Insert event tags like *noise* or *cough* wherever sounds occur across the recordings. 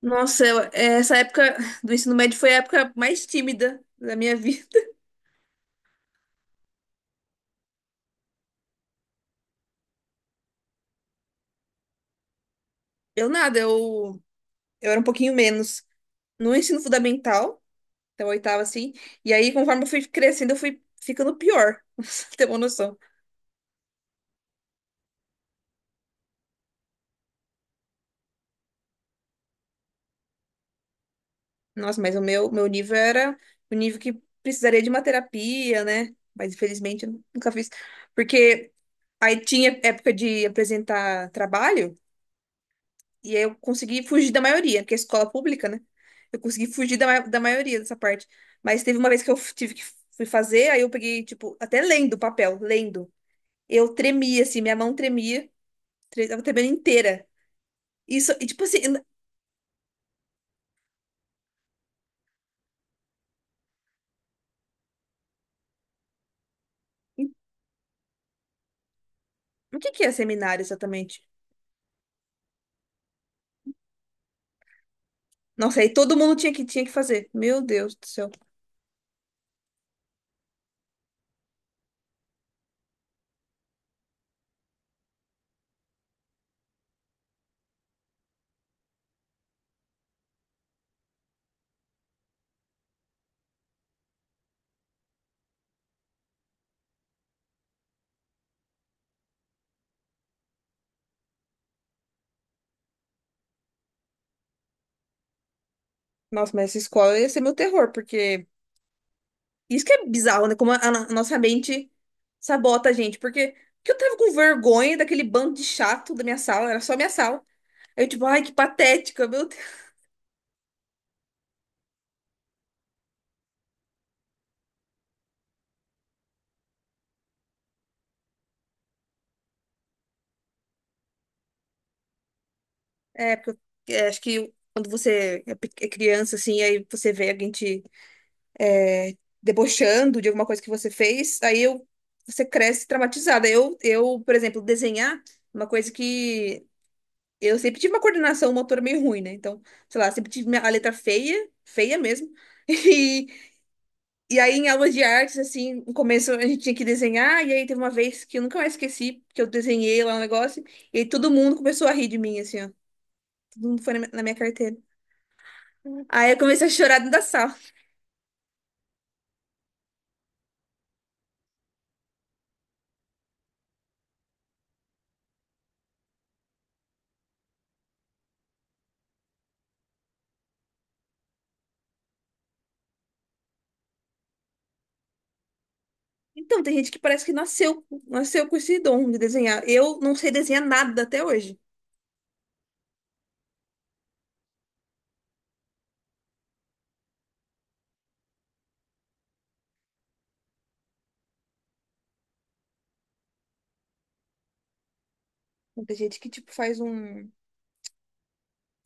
Nossa, essa época do ensino médio foi a época mais tímida da minha vida. *laughs* Eu nada, eu era um pouquinho menos no ensino fundamental, até o oitavo assim, e aí conforme eu fui crescendo, eu fui ficando pior, *laughs* pra você ter uma noção. Nossa, mas o meu nível era o nível que precisaria de uma terapia, né? Mas infelizmente eu nunca fiz, porque aí tinha época de apresentar trabalho. E aí eu consegui fugir da maioria, porque é escola pública, né? Eu consegui fugir da maioria dessa parte. Mas teve uma vez que tive que fui fazer, aí eu peguei, tipo, até lendo o papel, lendo. Eu tremia, assim, minha mão tremia, tava tremendo inteira. Isso, e tipo assim, o que que é seminário exatamente? Nossa, aí todo mundo tinha que fazer. Meu Deus do céu. Nossa, mas essa escola ia ser meu terror, porque... Isso que é bizarro, né? Como a no- a nossa mente sabota a gente, porque... Que eu tava com vergonha daquele bando de chato da minha sala, era só minha sala. Aí eu, tipo, ai, que patética, meu Deus. É, porque é, acho que quando você é é criança, assim, aí você vê alguém te debochando de alguma coisa que você fez, aí eu, você cresce traumatizada. Eu, por exemplo, desenhar, é uma coisa que eu sempre tive uma coordenação motora meio ruim, né? Então, sei lá, sempre tive a letra feia, feia mesmo. *laughs* E, e aí, em aulas de artes, assim, no começo a gente tinha que desenhar, e aí teve uma vez que eu nunca mais esqueci, que eu desenhei lá um negócio, e aí todo mundo começou a rir de mim, assim, ó. Todo mundo foi na minha carteira. Aí eu comecei a chorar dentro da sala. Então, tem gente que parece que nasceu com esse dom de desenhar. Eu não sei desenhar nada até hoje. Então, tem gente que, tipo, faz um...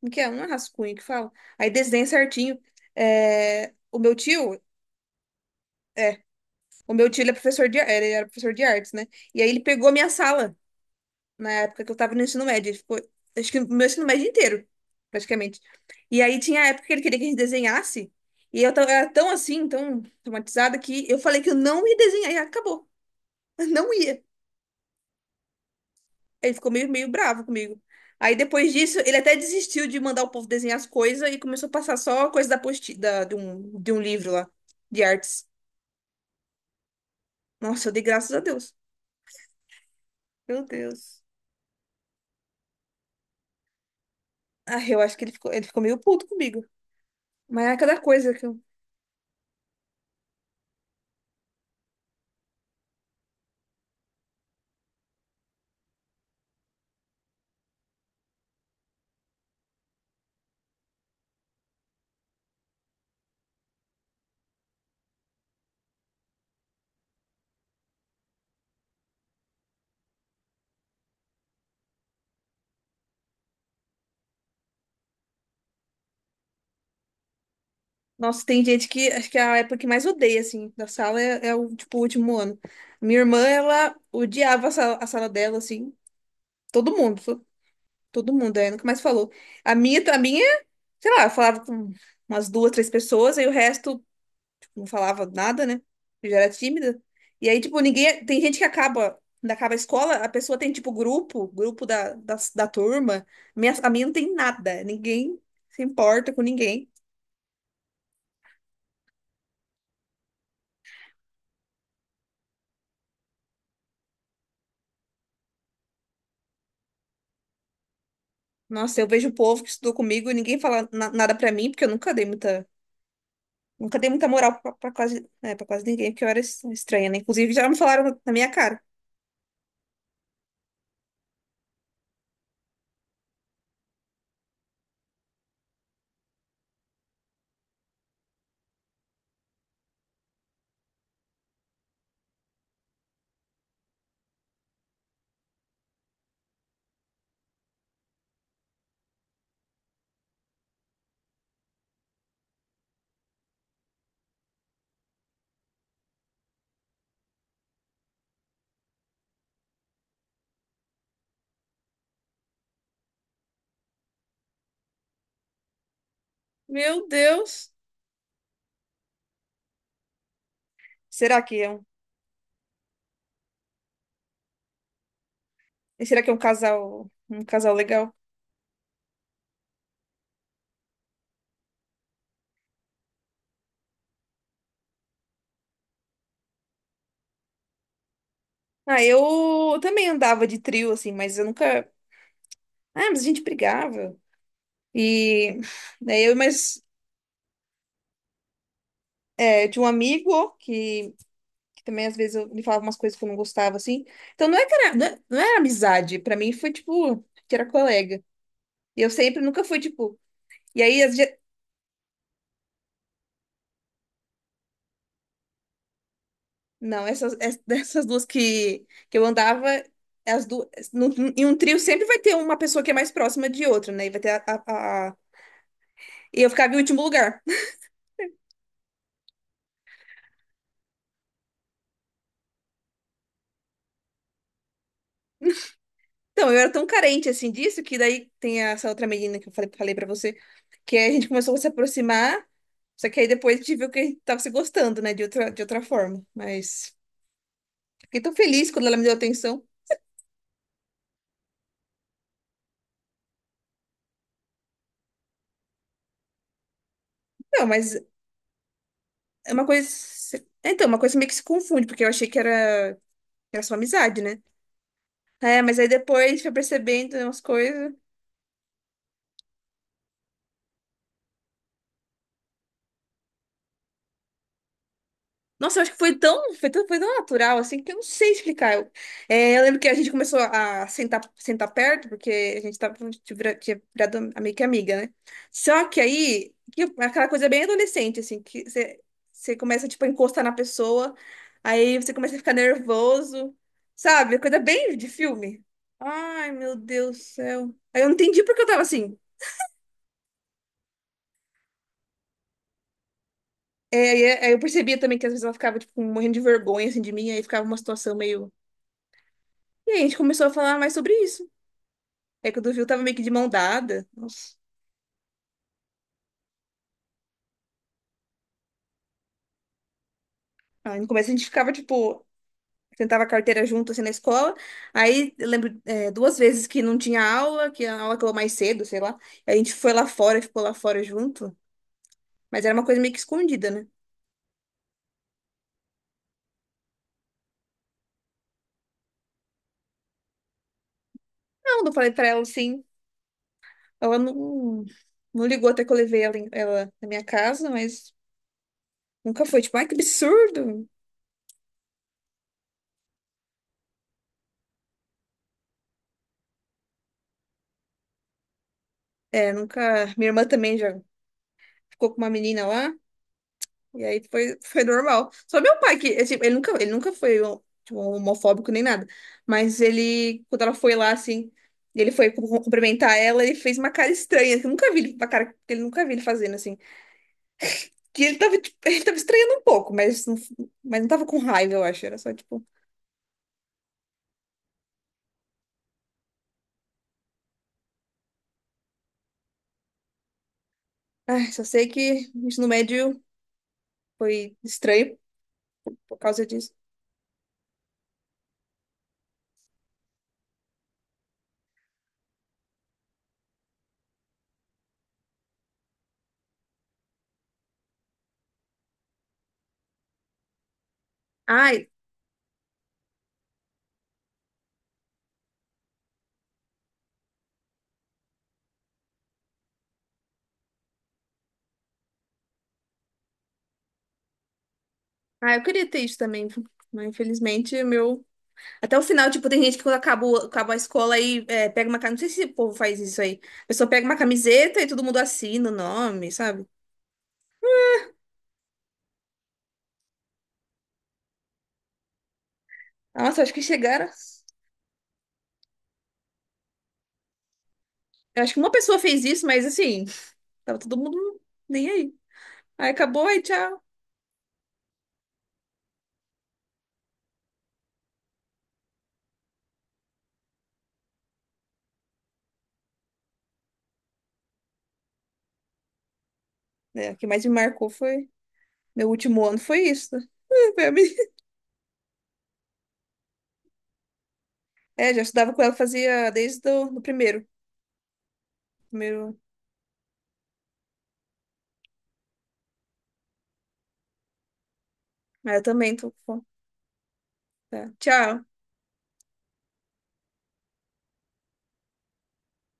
Como que é? Um rascunho que fala. Aí desenha certinho. É, o meu tio... O meu tio, ele é professor de... Ele era professor de artes, né? E aí ele pegou a minha sala na época que eu tava no ensino médio. Ele ficou, acho que no meu ensino médio inteiro, praticamente. E aí tinha a época que ele queria que a gente desenhasse, e eu tava, era tão assim, tão traumatizada, que eu falei que eu não ia desenhar, e acabou. *laughs* Eu não ia. Ele ficou meio bravo comigo. Aí depois disso, ele até desistiu de mandar o povo desenhar as coisas e começou a passar só coisa de um livro lá, de artes. Nossa, eu dei graças a Deus. Meu Deus. Ah, eu acho que ele ficou meio puto comigo. Mas é cada coisa que eu... Nossa, tem gente que acho que é a época que mais odeia, assim, da sala tipo, o último ano. Minha irmã, ela odiava a sala dela, assim, todo mundo, todo mundo, aí nunca mais falou. A minha, a minha, sei lá, eu falava com umas duas, três pessoas, aí o resto, tipo, não falava nada, né? Eu já era tímida. E aí, tipo, ninguém, tem gente que acaba, quando acaba a escola, a pessoa tem, tipo, da turma. A minha não tem nada, ninguém se importa com ninguém. Nossa, eu vejo o povo que estudou comigo e ninguém fala nada pra mim, porque eu nunca dei muita, nunca dei muita moral pra quase, né, pra quase ninguém, porque eu era estranha, né? Inclusive, já me falaram na minha cara. Meu Deus. Será que é um, será que é um casal legal? Ah, eu também andava de trio, assim, mas eu nunca. Ah, mas a gente brigava. E daí eu, mas é, tinha um amigo que também às vezes eu, ele falava umas coisas que eu não gostava, assim. Então não é que era, não era amizade, pra mim foi tipo, que era colega. E eu sempre nunca fui, tipo. E aí, não, *laughs* dessas duas que eu andava, as duas. Em um trio sempre vai ter uma pessoa que é mais próxima de outra, né? E vai ter e eu ficava em último lugar. *laughs* Então, eu era tão carente assim disso que daí tem essa outra menina que eu falei, falei pra você, que a gente começou a se aproximar, só que aí depois a gente viu que a gente tava se gostando, né? De outra forma. Mas fiquei tão feliz quando ela me deu atenção. Não, mas é uma coisa. Então, uma coisa meio que se confunde, porque eu achei que era. Era só amizade, né? É, mas aí depois foi percebendo umas coisas. Nossa, eu acho que foi tão natural, assim, que eu não sei explicar. Eu, é, eu lembro que a gente começou a sentar perto, porque a gente tava, tinha virado amiga que amiga, né? Só que aí, que aquela coisa bem adolescente, assim, que você começa, tipo, a encostar na pessoa, aí você começa a ficar nervoso, sabe? Coisa bem de filme. Ai, meu Deus do céu. Aí eu não entendi porque eu tava assim. É, aí eu percebia também que às vezes ela ficava, tipo, morrendo de vergonha, assim, de mim, aí ficava uma situação meio... E aí a gente começou a falar mais sobre isso. É que o do Viu tava meio que de mão dada. Nossa. Aí no começo a gente ficava, tipo, tentava a carteira junto, assim, na escola. Aí eu lembro, é, duas vezes que não tinha aula, que a aula acabou mais cedo, sei lá. Aí a gente foi lá fora, ficou lá fora junto. Mas era uma coisa meio que escondida, né? Não, não falei pra ela, assim. Ela não, não ligou até que eu levei ela, ela na minha casa, mas nunca foi, tipo, ai, que absurdo. É, nunca. Minha irmã também já ficou com uma menina lá, e aí foi, foi normal. Só meu pai, que é, tipo, ele nunca foi um, tipo, um homofóbico nem nada. Mas ele, quando ela foi lá, assim, ele foi cumprimentar ela, ele fez uma cara estranha, que eu nunca vi ele, uma cara que ele nunca vi ele fazendo, assim. Que ele tava, tipo, *laughs* ele tava estranhando um pouco, mas não tava com raiva, eu acho. Era só, tipo, ai, só sei que o ensino médio foi estranho por causa disso. Ai, ai, eu queria ter isso também, mas infelizmente o meu. Até o final, tipo, tem gente que quando acaba, acaba a escola aí é, pega uma... Não sei se o povo faz isso aí. A pessoa pega uma camiseta e todo mundo assina o nome, sabe? Nossa, acho que chegaram... Eu acho que uma pessoa fez isso, mas assim, tava todo mundo nem aí. Aí acabou, aí tchau. É, o que mais me marcou foi... Meu último ano foi isso, né? *laughs* Foi a minha- É, já estudava com ela, fazia desde o do primeiro. Primeiro... Mas eu também tô... Tá. Tchau.